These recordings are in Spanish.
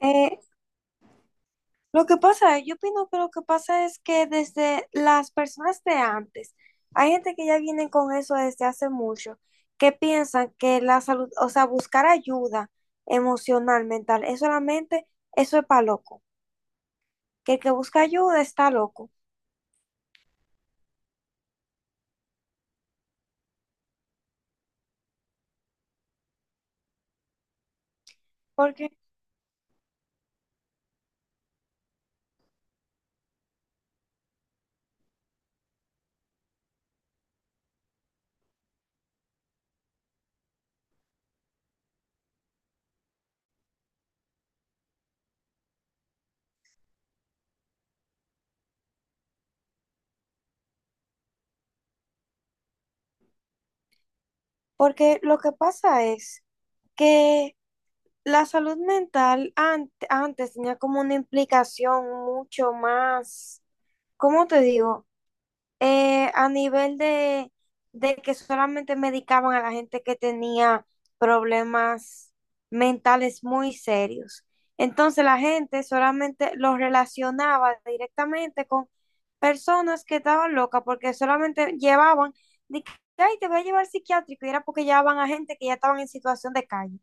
Eh, lo que pasa, yo opino que lo que pasa es que desde las personas de antes, hay gente que ya vienen con eso desde hace mucho, que piensan que la salud, o sea, buscar ayuda emocional, mental, es solamente, eso es para loco, que el que busca ayuda está loco, porque, porque lo que pasa es que la salud mental antes tenía como una implicación mucho más. ¿Cómo te digo? A nivel de que solamente medicaban a la gente que tenía problemas mentales muy serios. Entonces la gente solamente los relacionaba directamente con personas que estaban locas porque solamente llevaban, de que, ay, te voy a llevar al psiquiátrico, y era porque llevaban a gente que ya estaban en situación de calle.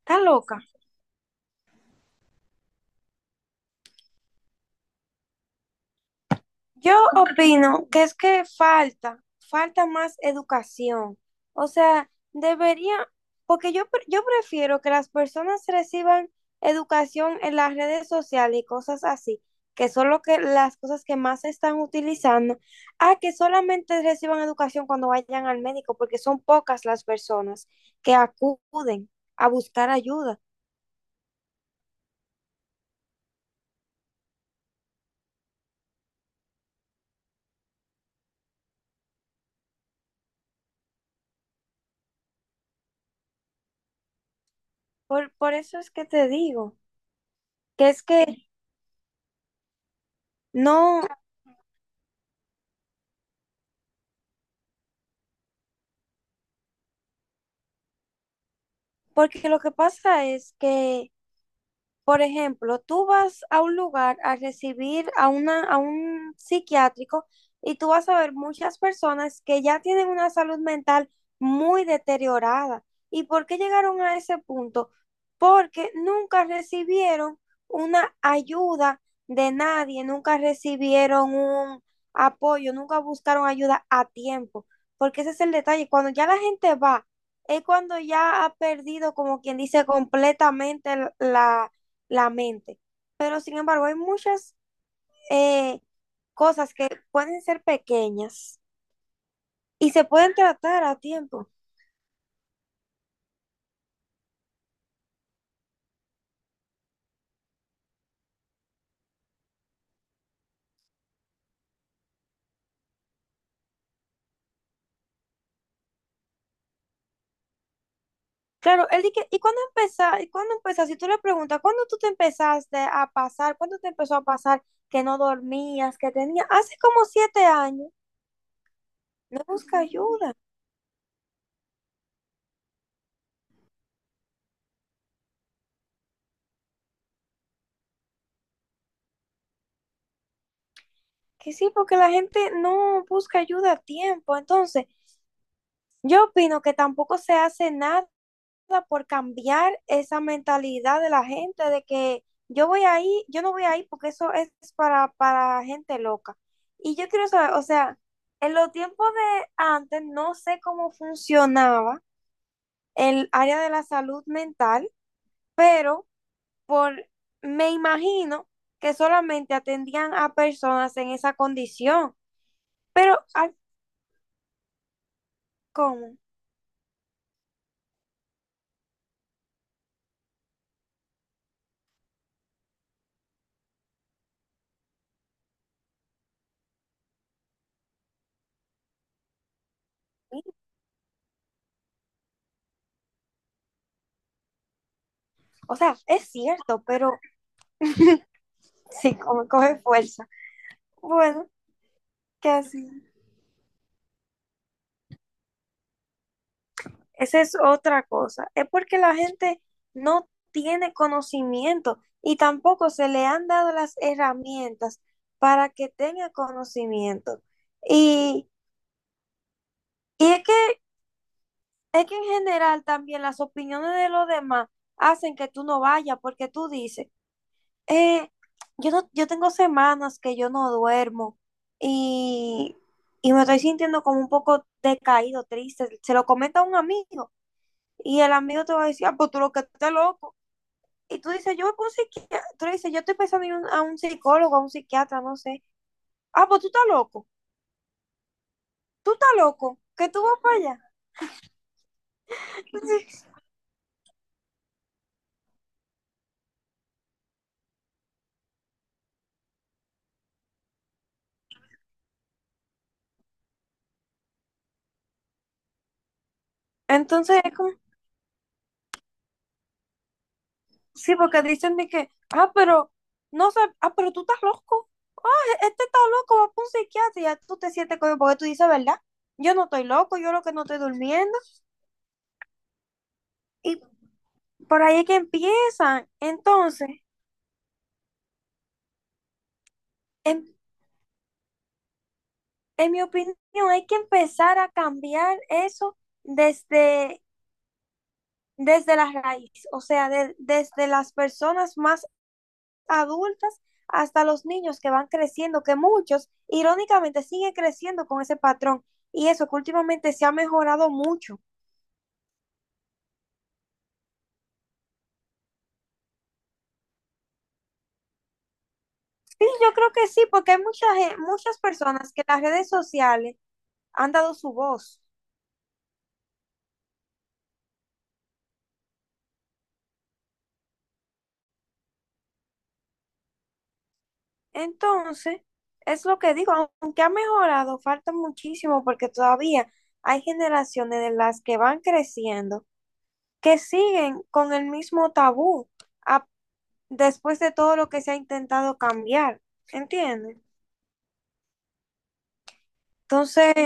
Está loca. Yo opino que es que falta, falta más educación. O sea, debería, porque yo, yo prefiero que las personas reciban educación en las redes sociales y cosas así, que son lo que, las cosas que más se están utilizando, a que solamente reciban educación cuando vayan al médico, porque son pocas las personas que acuden a buscar ayuda. Por eso es que te digo, que es que no, porque lo que pasa es que, por ejemplo, tú vas a un lugar a recibir a una, a un psiquiátrico, y tú vas a ver muchas personas que ya tienen una salud mental muy deteriorada. ¿Y por qué llegaron a ese punto? Porque nunca recibieron una ayuda de nadie, nunca recibieron un apoyo, nunca buscaron ayuda a tiempo, porque ese es el detalle. Cuando ya la gente va, es cuando ya ha perdido, como quien dice, completamente la la mente. Pero sin embargo, hay muchas eh, cosas que pueden ser pequeñas y se pueden tratar a tiempo. Claro, él dice, ¿y cuándo empezaste? ¿Y cuándo empezaste? Si tú le preguntas, ¿cuándo tú te empezaste a pasar? ¿Cuándo te empezó a pasar que no dormías, que tenías? Hace como 7 años. No busca ayuda. Que sí, porque la gente no busca ayuda a tiempo. Entonces, yo opino que tampoco se hace nada por cambiar esa mentalidad de la gente de que yo voy ahí, yo no voy ahí porque eso es para gente loca. Y yo quiero saber, o sea, en los tiempos de antes no sé cómo funcionaba el área de la salud mental, por, me imagino que solamente atendían a personas en esa condición, pero ay, ¿cómo? O sea, es cierto, pero sí, como coge fuerza. Bueno, que así. Esa es otra cosa. Es porque la gente no tiene conocimiento y tampoco se le han dado las herramientas para que tenga conocimiento. Y, y es que en general también las opiniones de los demás hacen que tú no vayas porque tú dices, eh, yo, no, yo tengo semanas que yo no duermo y, y me estoy sintiendo como un poco decaído, triste. Se lo comenta a un amigo y el amigo te va a decir, ah, pues tú lo que estás loco. Y tú dices, yo voy con un psiquiatra. Tú le dices, yo estoy pensando en a un psicólogo, a un psiquiatra, no sé. Ah, pues tú estás loco. Tú estás loco. Que tú vas para allá. Sí. Entonces es como, sí, porque dicen de que, ah, pero, no sé, ah, pero tú estás loco. Este está loco, va para un psiquiatra y ya tú te sientes como, porque tú dices, ¿verdad? Yo no estoy loco, yo lo que no estoy durmiendo. Y por ahí es que empiezan. Entonces, en, en mi opinión, hay que empezar a cambiar eso desde desde la raíz, o sea, desde las personas más adultas hasta los niños que van creciendo, que muchos, irónicamente, siguen creciendo con ese patrón. Y eso que últimamente se ha mejorado mucho. Sí, yo creo que sí, porque hay mucha, muchas personas que las redes sociales han dado su voz. Entonces, es lo que digo, aunque ha mejorado, falta muchísimo porque todavía hay generaciones de las que van creciendo que siguen con el mismo tabú a después de todo lo que se ha intentado cambiar, ¿entiendes? Entonces,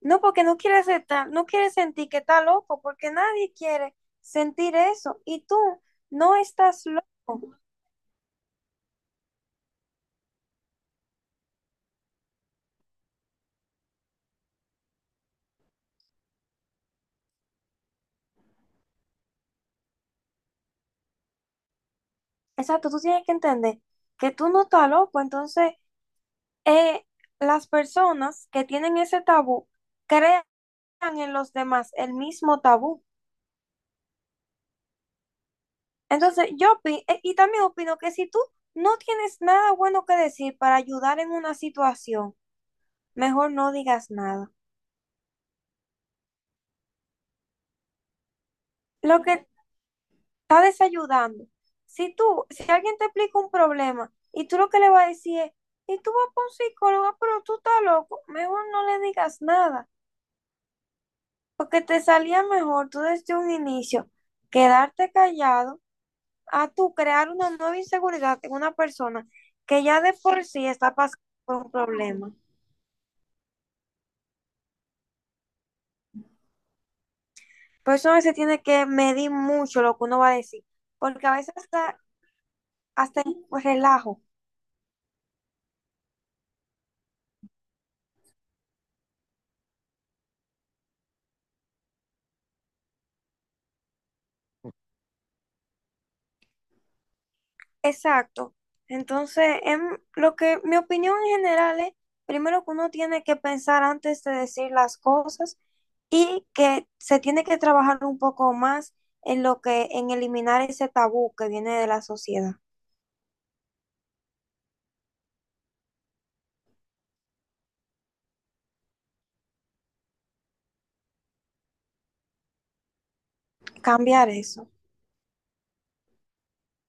no porque no quiere aceptar, no quieres sentir que está loco, porque nadie quiere sentir eso y tú no estás loco. Exacto, tú tienes que entender que tú no estás loco, entonces eh, las personas que tienen ese tabú crean en los demás el mismo tabú. Entonces, yo opino, y también opino que si tú no tienes nada bueno que decir para ayudar en una situación, mejor no digas nada. Lo que está desayudando. Si tú, si alguien te explica un problema y tú lo que le vas a decir es, y tú vas para un psicólogo, pero tú estás loco, mejor no le digas nada. Porque te salía mejor tú desde un inicio quedarte callado a tú crear una nueva inseguridad en una persona que ya de por sí está pasando por un problema. Por eso a veces tiene que medir mucho lo que uno va a decir. Porque a veces hasta, hasta en relajo exacto. Entonces, lo que mi opinión en general es, primero que uno tiene que pensar antes de decir las cosas y que se tiene que trabajar un poco más en lo que, en eliminar ese tabú que viene de la sociedad, cambiar eso.